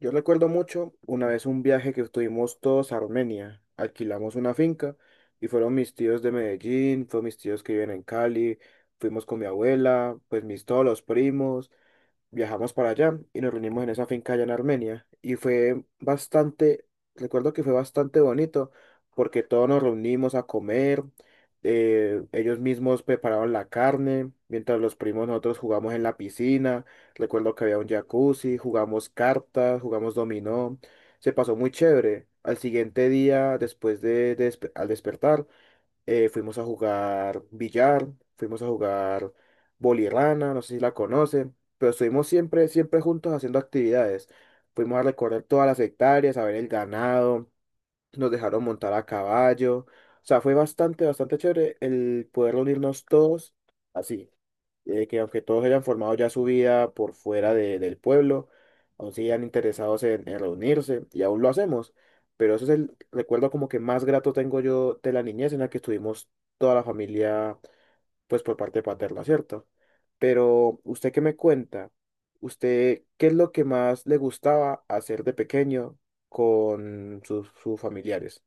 Yo recuerdo mucho una vez un viaje que estuvimos todos a Armenia. Alquilamos una finca y fueron mis tíos de Medellín, fueron mis tíos que viven en Cali, fuimos con mi abuela, pues mis todos los primos viajamos para allá y nos reunimos en esa finca allá en Armenia. Y fue bastante, recuerdo que fue bastante bonito porque todos nos reunimos a comer, ellos mismos prepararon la carne, mientras los primos nosotros jugamos en la piscina, recuerdo que había un jacuzzi, jugamos cartas, jugamos dominó, se pasó muy chévere. Al siguiente día, al despertar, fuimos a jugar billar, fuimos a jugar bolirrana, no sé si la conocen, pero estuvimos siempre, siempre juntos haciendo actividades. Fuimos a recorrer todas las hectáreas, a ver el ganado, nos dejaron montar a caballo. O sea, fue bastante, bastante chévere el poder unirnos todos así. Que aunque todos hayan formado ya su vida por fuera del pueblo, aún sigan interesados en reunirse y aún lo hacemos. Pero ese es el recuerdo como que más grato tengo yo de la niñez en la que estuvimos toda la familia, pues por parte paterna, ¿cierto? Pero usted qué me cuenta, usted qué es lo que más le gustaba hacer de pequeño con sus familiares.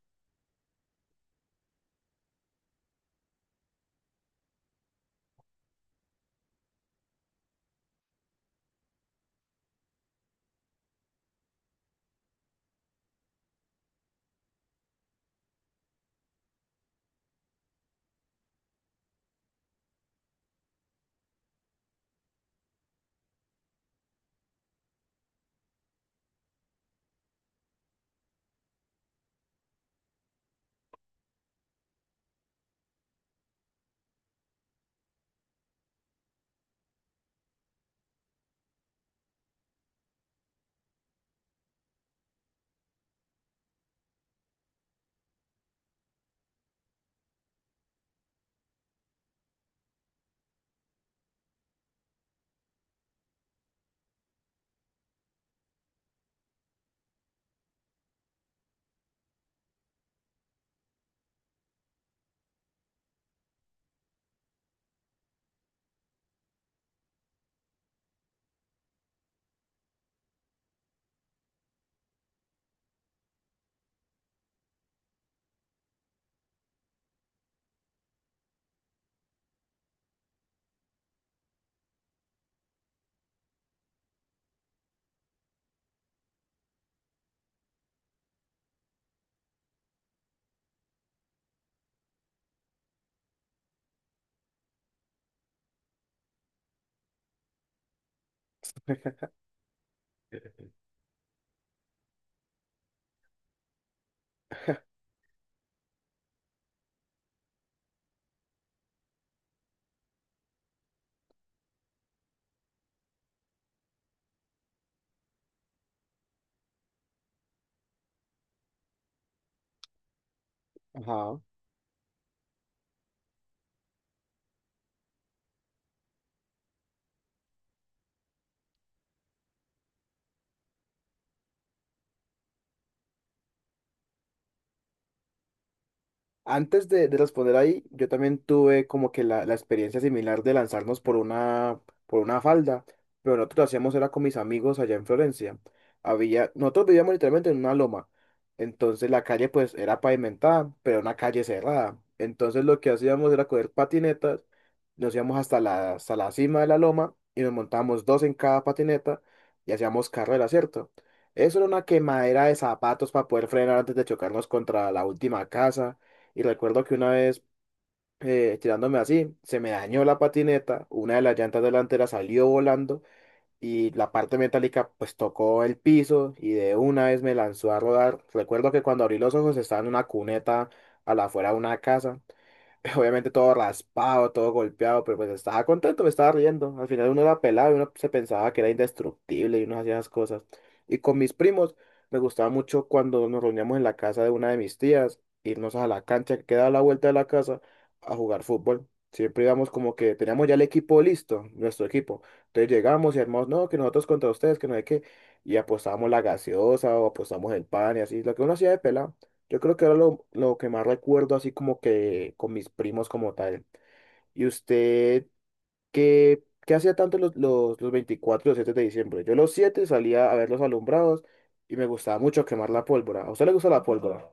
Ajá. Antes de responder ahí, yo también tuve como que la experiencia similar de lanzarnos por una falda, pero nosotros lo hacíamos era con mis amigos allá en Florencia. Había, nosotros vivíamos literalmente en una loma, entonces la calle pues era pavimentada, pero una calle cerrada. Entonces lo que hacíamos era coger patinetas, nos íbamos hasta hasta la cima de la loma y nos montábamos dos en cada patineta y hacíamos carrera, ¿cierto? Eso era una quemadera de zapatos para poder frenar antes de chocarnos contra la última casa. Y recuerdo que una vez, tirándome así, se me dañó la patineta, una de las llantas delanteras salió volando y la parte metálica pues tocó el piso y de una vez me lanzó a rodar. Recuerdo que cuando abrí los ojos estaba en una cuneta a la afuera de una casa. Obviamente todo raspado, todo golpeado, pero pues estaba contento, me estaba riendo. Al final uno era pelado y uno se pensaba que era indestructible y uno hacía esas cosas. Y con mis primos me gustaba mucho cuando nos reuníamos en la casa de una de mis tías, irnos a la cancha que queda a la vuelta de la casa a jugar fútbol. Siempre íbamos como que teníamos ya el equipo listo, nuestro equipo. Entonces llegamos y armamos, no, que nosotros contra ustedes, que no hay que, y apostábamos la gaseosa o apostábamos el pan y así, lo que uno hacía de pelado. Yo creo que era lo que más recuerdo, así como que con mis primos como tal. ¿Y usted qué hacía tanto los 24 y los 7 de diciembre? Yo los 7 salía a ver los alumbrados y me gustaba mucho quemar la pólvora. ¿A usted le gusta la pólvora?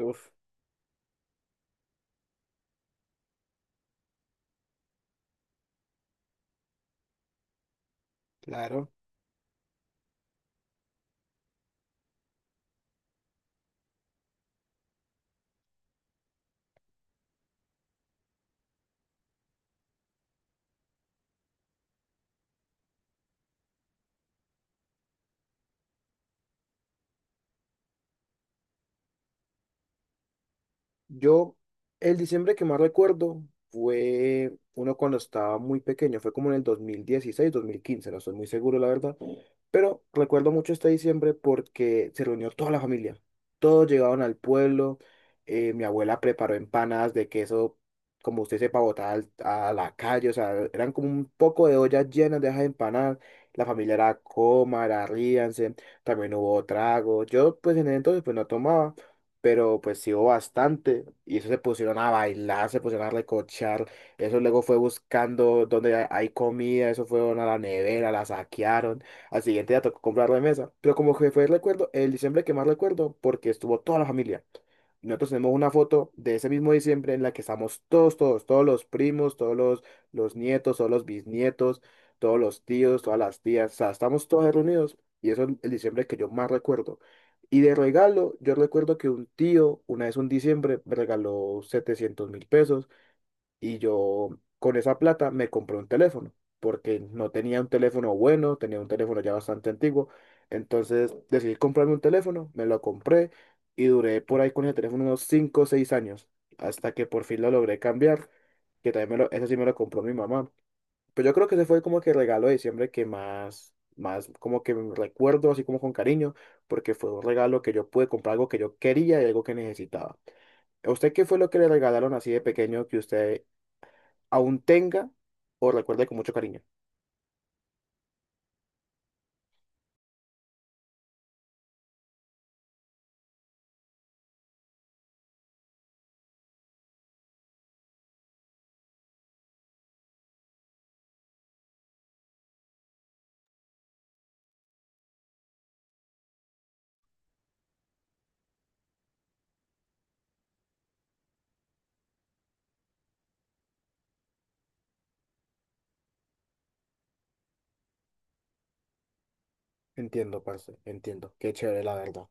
Uf. Claro. Yo, el diciembre que más recuerdo fue uno cuando estaba muy pequeño, fue como en el 2016, 2015, no estoy muy seguro, la verdad. Pero recuerdo mucho este diciembre porque se reunió toda la familia. Todos llegaron al pueblo. Mi abuela preparó empanadas de queso, como usted sepa, botada a la calle. O sea, eran como un poco de ollas llenas de esas empanadas. La familia era coma, era ríanse. También hubo trago. Yo, pues en ese entonces, pues no tomaba. Pero pues sí hubo bastante. Y eso se pusieron a bailar, se pusieron a recochar. Eso luego fue buscando donde hay comida. Eso fueron a la nevera, la saquearon. Al siguiente día tocó comprar la mesa. Pero como que fue el recuerdo, el diciembre que más recuerdo, porque estuvo toda la familia. Nosotros tenemos una foto de ese mismo diciembre en la que estamos todos, todos, todos los primos, todos los nietos, todos los bisnietos, todos los tíos, todas las tías. O sea, estamos todos reunidos. Y eso es el diciembre que yo más recuerdo. Y de regalo, yo recuerdo que un tío, una vez un diciembre, me regaló 700.000 pesos y yo con esa plata me compré un teléfono, porque no tenía un teléfono bueno, tenía un teléfono ya bastante antiguo, entonces decidí comprarme un teléfono, me lo compré y duré por ahí con ese teléfono unos 5 o 6 años, hasta que por fin lo logré cambiar, que también me lo, ese sí me lo compró mi mamá. Pero yo creo que ese fue como que el regalo de diciembre que más, más como que recuerdo, así como con cariño, porque fue un regalo que yo pude comprar algo que yo quería y algo que necesitaba. ¿A usted qué fue lo que le regalaron así de pequeño que usted aún tenga o recuerde con mucho cariño? Entiendo, parce, entiendo. Qué chévere, la verdad.